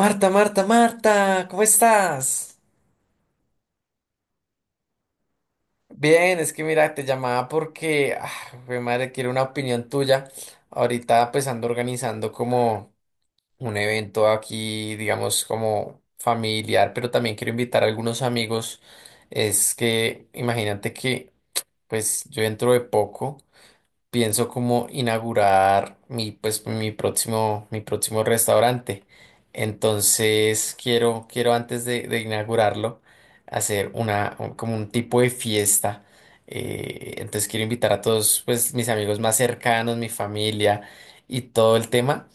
Marta, Marta, Marta, ¿cómo estás? Bien, es que mira, te llamaba porque, quiero una opinión tuya. Ahorita pues ando organizando como un evento aquí, digamos, como familiar, pero también quiero invitar a algunos amigos. Es que imagínate que pues yo dentro de poco pienso como inaugurar mi, pues, mi próximo restaurante. Entonces quiero antes de inaugurarlo hacer una, como un tipo de fiesta. Entonces quiero invitar a todos, pues, mis amigos más cercanos, mi familia y todo el tema,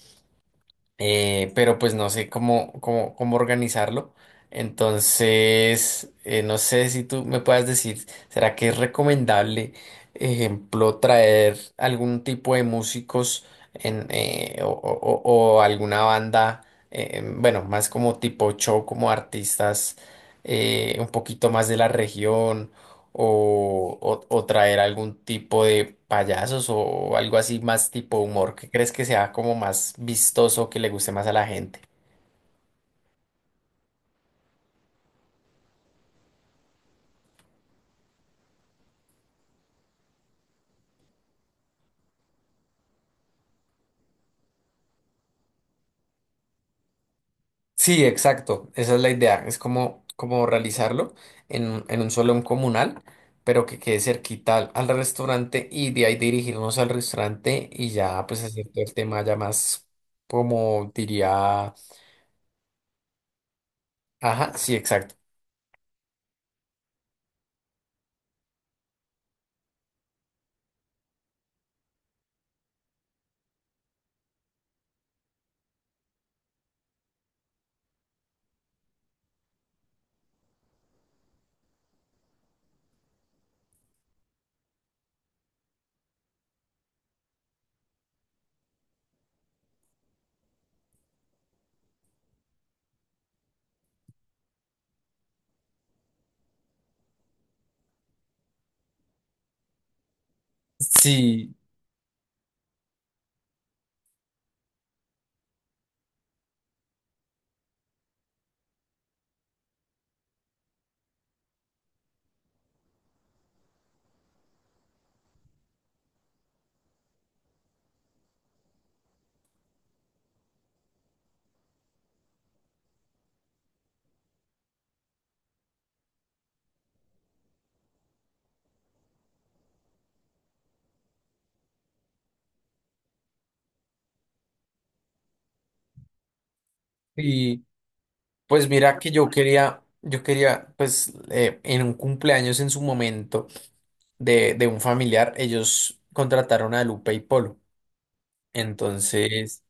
pero pues no sé cómo organizarlo. Entonces, no sé si tú me puedas decir, ¿será que es recomendable, ejemplo, traer algún tipo de músicos en, o alguna banda, bueno, más como tipo show, como artistas un poquito más de la región? ¿O, o traer algún tipo de payasos o algo así más tipo humor? ¿Qué crees que sea como más vistoso, que le guste más a la gente? Sí, exacto, esa es la idea, es como, como realizarlo en, en un salón comunal, pero que quede cerquita al, al restaurante y de ahí dirigirnos al restaurante y ya pues hacer todo el tema ya más como diría, ajá, sí, exacto. Sí, y pues mira que yo quería, pues en un cumpleaños en su momento de un familiar, ellos contrataron a Lupe y Polo. Sí. Entonces,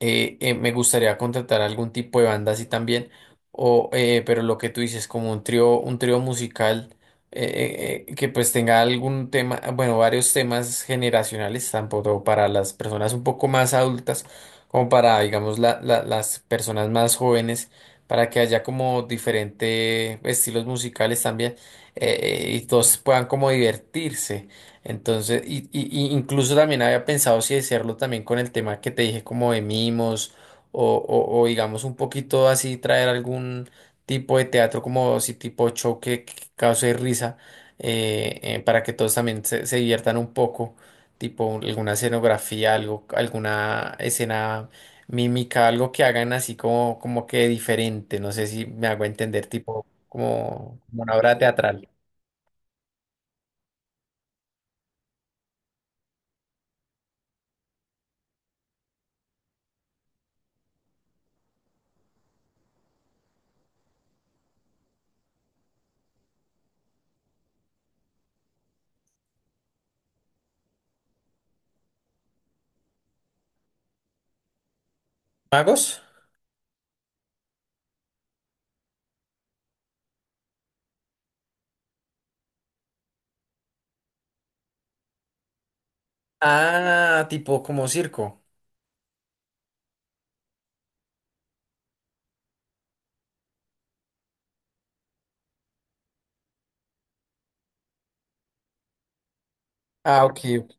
me gustaría contratar algún tipo de banda así también, o, pero lo que tú dices, como un trío musical, que pues tenga algún tema, bueno, varios temas generacionales, tanto para las personas un poco más adultas, como para, digamos, las personas más jóvenes, para que haya como diferentes estilos musicales también, eh, y todos puedan como divertirse. Entonces, y incluso también había pensado si hacerlo también con el tema que te dije como de mimos o, o digamos un poquito así traer algún tipo de teatro como si tipo choque que cause risa, para que todos también se diviertan un poco, tipo alguna escenografía, algo, alguna escena mímica, algo que hagan así como, como que diferente, no sé si me hago entender, tipo como, como una obra teatral. ¿Magos? Ah, tipo como circo. Ah, ok, ok.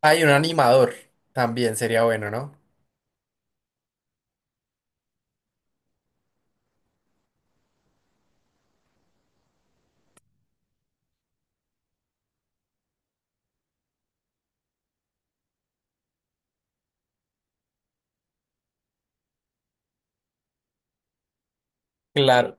Hay un animador. También sería bueno, ¿no? Claro.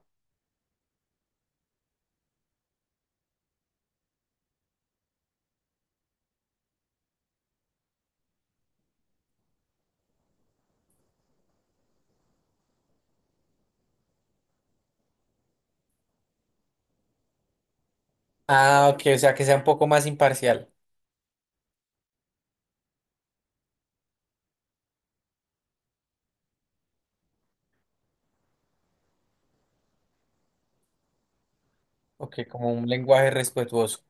Ah, ok, o sea, que sea un poco más imparcial. Ok, como un lenguaje respetuoso.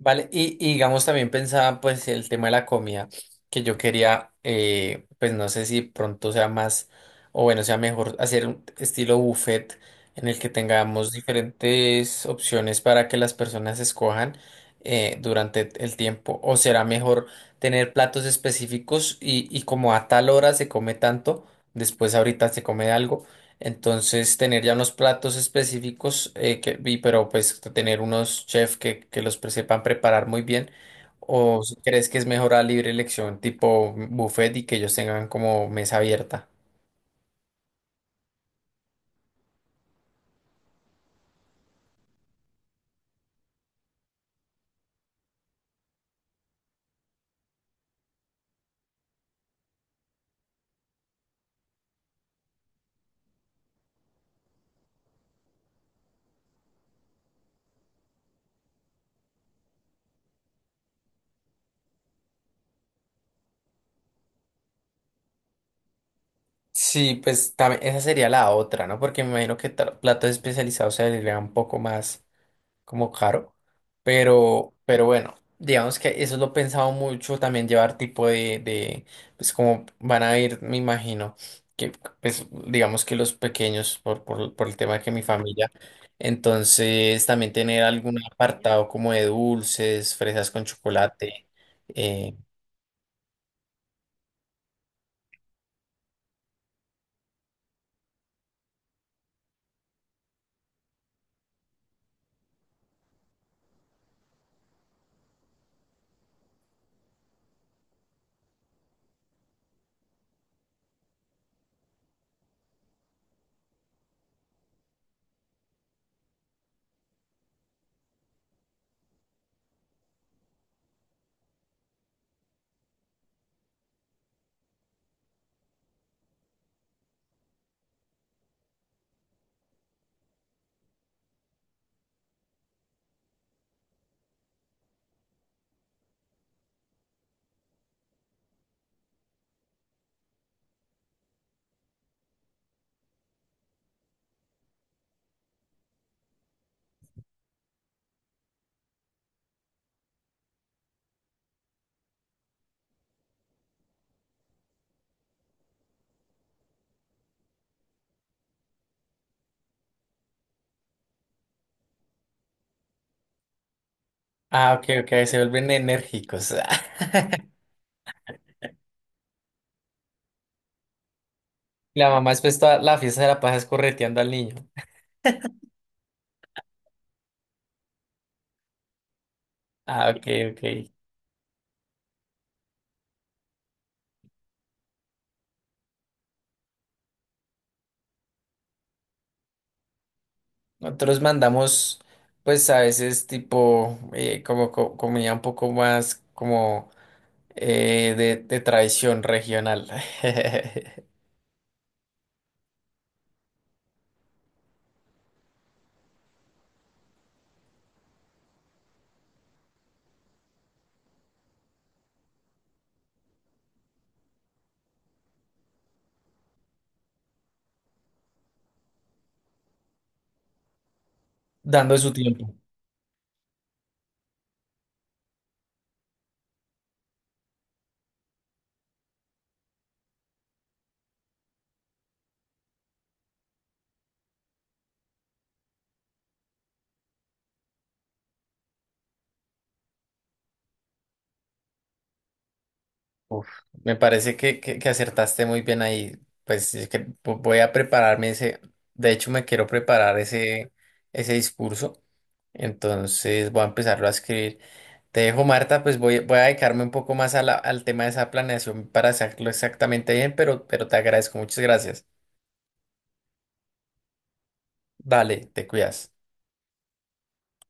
Vale, y digamos también pensaba pues el tema de la comida, que yo quería, pues no sé si pronto sea más, o bueno, sea mejor hacer un estilo buffet en el que tengamos diferentes opciones para que las personas escojan, durante el tiempo, o será mejor tener platos específicos y como a tal hora se come tanto, después ahorita se come algo. Entonces, tener ya unos platos específicos, que, y, pero pues tener unos chefs que los sepan preparar muy bien. ¿O si crees que es mejor a libre elección, tipo buffet y que ellos tengan como mesa abierta? Sí, pues también esa sería la otra, ¿no? Porque me imagino que platos especializados se le un poco más, como caro, pero bueno, digamos que eso lo he pensado mucho, también llevar tipo de, pues como van a ir, me imagino, que pues digamos que los pequeños, por el tema de que mi familia, entonces también tener algún apartado como de dulces, fresas con chocolate, eh, ah, ok, ok, se vuelven enérgicos. La mamá después toda la fiesta de la pasa es correteando al niño. Ah, ok, ok. Nosotros mandamos, pues a veces tipo, como comida un poco más como, de tradición regional. Dando su tiempo. Uf, me parece que acertaste muy bien ahí. Pues es que voy a prepararme ese, de hecho me quiero preparar ese, ese discurso, entonces voy a empezarlo a escribir. Te dejo, Marta, pues voy, voy a dedicarme un poco más a al tema de esa planeación para hacerlo exactamente bien, pero te agradezco, muchas gracias. Dale, te cuidas.